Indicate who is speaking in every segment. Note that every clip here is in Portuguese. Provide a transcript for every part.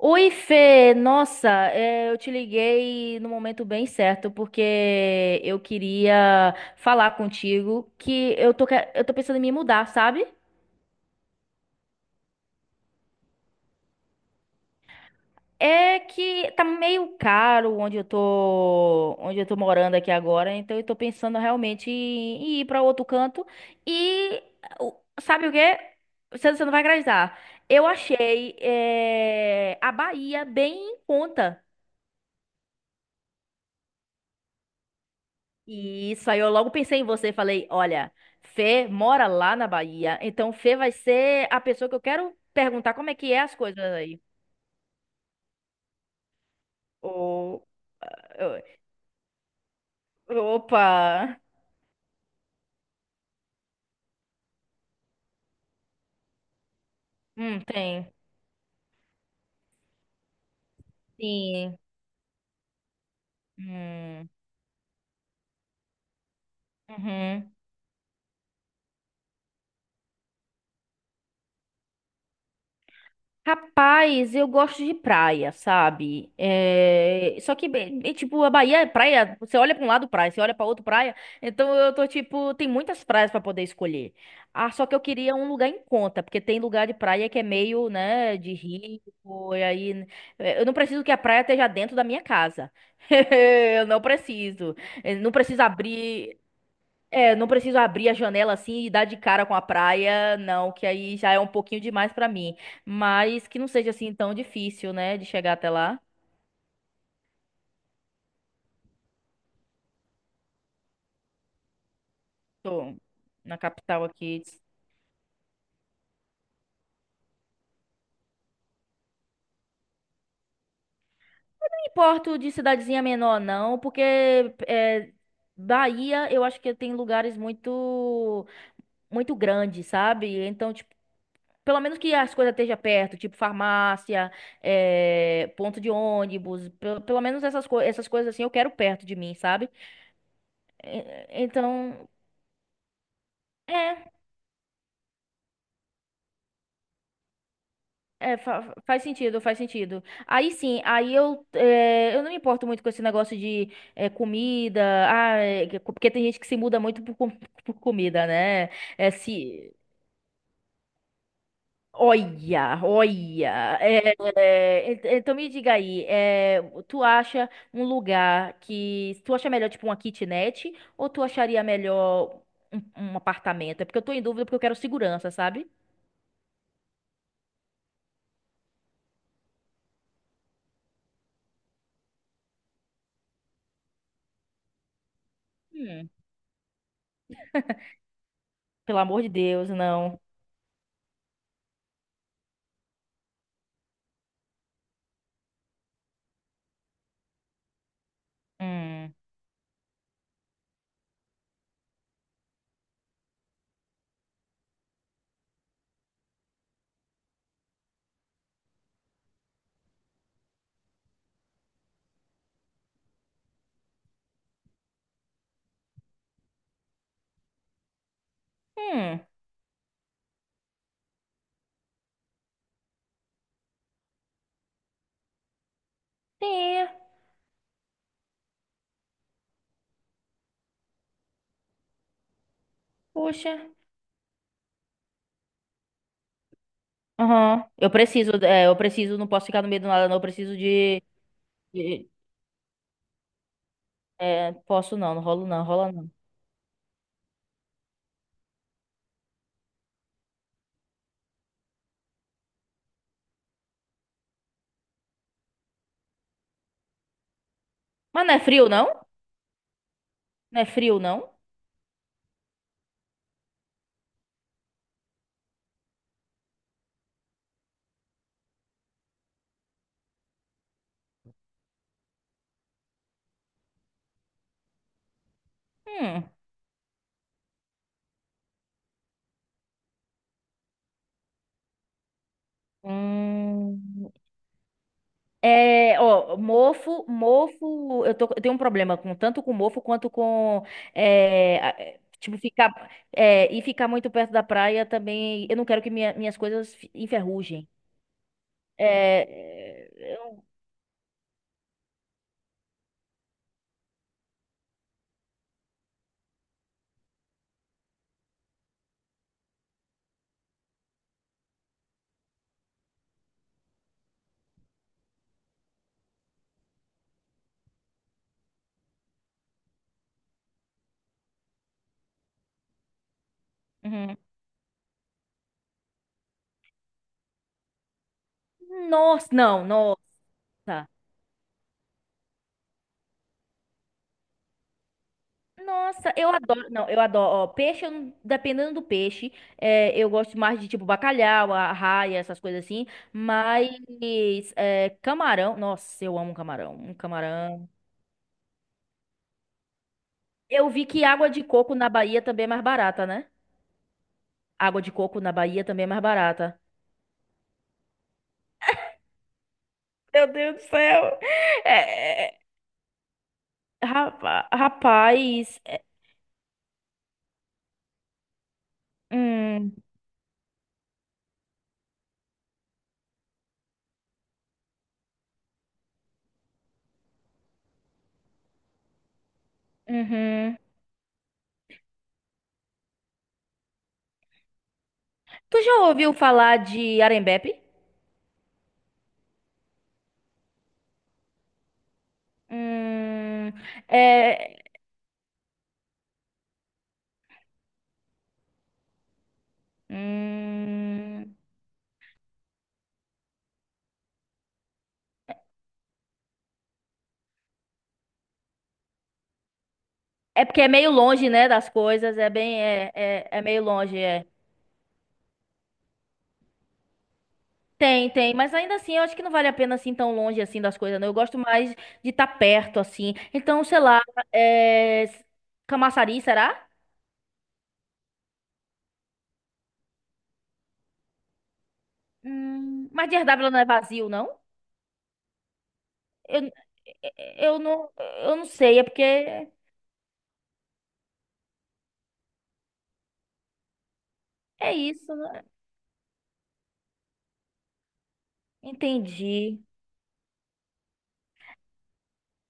Speaker 1: Oi, Fê! Nossa, eu te liguei no momento bem certo, porque eu queria falar contigo que eu tô pensando em me mudar, sabe? É que tá meio caro onde eu tô morando aqui agora, então eu tô pensando realmente em ir pra outro canto e o- sabe o quê? Você não vai acreditar. Eu achei, a Bahia bem em conta. E isso aí eu logo pensei em você, falei, olha, Fê mora lá na Bahia, então Fê vai ser a pessoa que eu quero perguntar como é que é as coisas aí. Ou, opa, tem. Sim. Hum, uhum. Rapaz, eu gosto de praia, sabe? Só que, bem, é tipo, a Bahia é praia. Você olha pra um lado praia, você olha pra outro praia. Então eu tô tipo, tem muitas praias pra poder escolher. Ah, só que eu queria um lugar em conta, porque tem lugar de praia que é meio, né, de rico. E aí, eu não preciso que a praia esteja dentro da minha casa. Eu não preciso. Eu não preciso abrir. Não preciso abrir a janela assim e dar de cara com a praia, não, que aí já é um pouquinho demais pra mim. Mas que não seja assim tão difícil, né, de chegar até lá. Tô na capital aqui. Não importo de cidadezinha menor, não, porque é, Bahia eu acho que tem lugares muito, muito grandes, sabe? Então, tipo, pelo menos que as coisas estejam perto, tipo farmácia, ponto de ônibus, pelo menos essas, co essas coisas assim eu quero perto de mim, sabe? É, então. É, faz sentido, faz sentido. Aí sim, eu não me importo muito com esse negócio de comida, ah, porque tem gente que se muda muito por comida, né? É, se, Olha, olha. Então me diga aí, tu acha um lugar que, tu acha melhor tipo uma kitnet ou tu acharia melhor um apartamento? É porque eu tô em dúvida porque eu quero segurança, sabe? Hum. Pelo amor de Deus, não. Hum. Hum. Sim, puxa. Aham. Eu preciso, não posso ficar no meio do nada, não. Eu preciso de- é, Posso não, não rolo não, rola não. Mas não é frio, não? Não é frio, não? Hum. Hum. Ó, mofo, mofo, eu tenho um problema com tanto com mofo quanto com, tipo, e ficar muito perto da praia também, eu não quero que minhas coisas enferrujem. É, é, eu- Uhum. Nossa, não, nossa. Nossa, eu adoro. Não, eu adoro. Ó, peixe, eu não- dependendo do peixe, eu gosto mais de tipo bacalhau, arraia, essas coisas assim. Mas camarão, nossa, eu amo camarão. Um camarão. Eu vi que água de coco na Bahia também é mais barata, né? Água de coco na Bahia também é mais barata. Meu Deus do céu! É, é, rapaz. Hum, uhum. Tu já ouviu falar de Arembepe? Hum, é, Hum, é porque é meio longe, né, das coisas, é meio longe, é. Tem, tem, mas ainda assim, eu acho que não vale a pena assim tão longe assim das coisas, não. Eu gosto mais de estar perto, assim. Então, sei lá, é... Camaçari, será? Mas de Herdável não é vazio, não? Eu, é, é, eu não, eu não sei, é porque é isso, né? Entendi.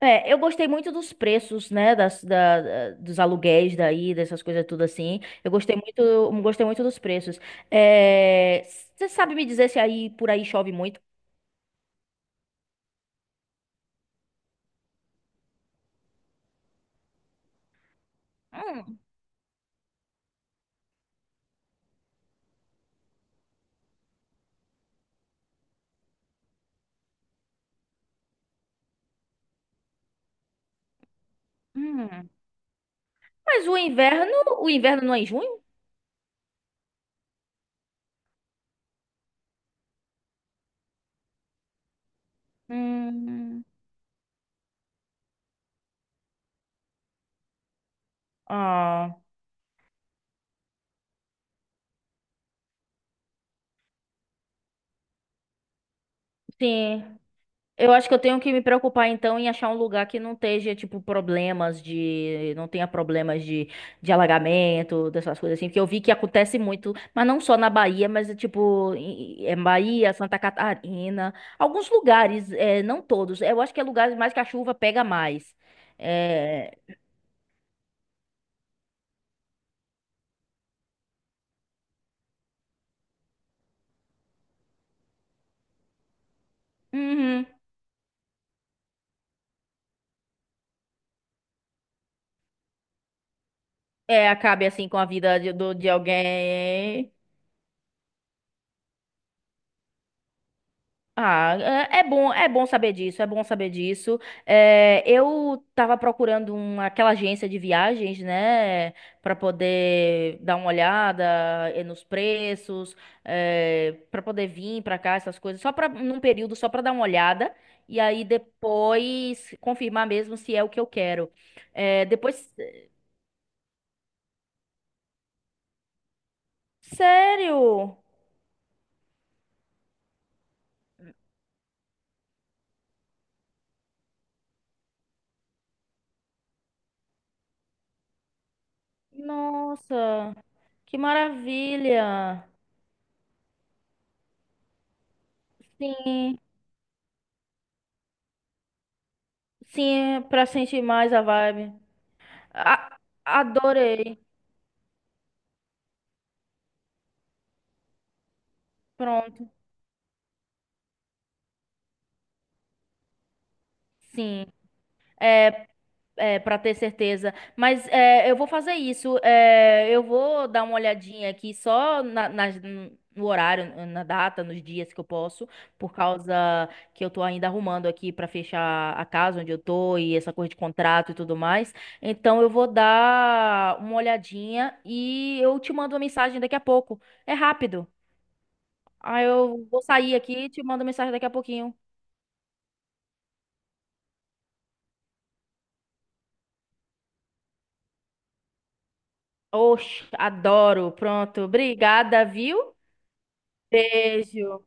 Speaker 1: Eu gostei muito dos preços, né, dos aluguéis daí, dessas coisas tudo assim. Eu gostei muito dos preços. É, você sabe me dizer se aí por aí chove muito? Hum, hum. Mas o inverno não é em junho? Hum, ah, sim. Eu acho que eu tenho que me preocupar então em achar um lugar que não esteja, tipo, problemas de. Não tenha problemas de alagamento, dessas coisas assim, porque eu vi que acontece muito, mas não só na Bahia, mas tipo, em Bahia, Santa Catarina, alguns lugares, não todos. Eu acho que é lugares mais que a chuva pega mais. É, uhum. Acabe assim com a vida de alguém. Ah, é bom, é bom saber disso, é bom saber disso. Eu tava procurando uma, aquela agência de viagens, né, para poder dar uma olhada nos preços, para poder vir para cá, essas coisas, só para num período só para dar uma olhada e aí depois confirmar mesmo se é o que eu quero. É, depois, sério? Nossa, que maravilha! Sim, sim, para sentir mais a vibe. A- adorei. Pronto. Sim, para ter certeza. Mas eu vou fazer isso. Eu vou dar uma olhadinha aqui só no horário, na data, nos dias que eu posso, por causa que eu tô ainda arrumando aqui para fechar a casa onde eu tô e essa coisa de contrato e tudo mais. Então eu vou dar uma olhadinha e eu te mando uma mensagem daqui a pouco. É rápido. Aí eu vou sair aqui e te mando mensagem daqui a pouquinho. Oxe, adoro. Pronto. Obrigada, viu? Beijo.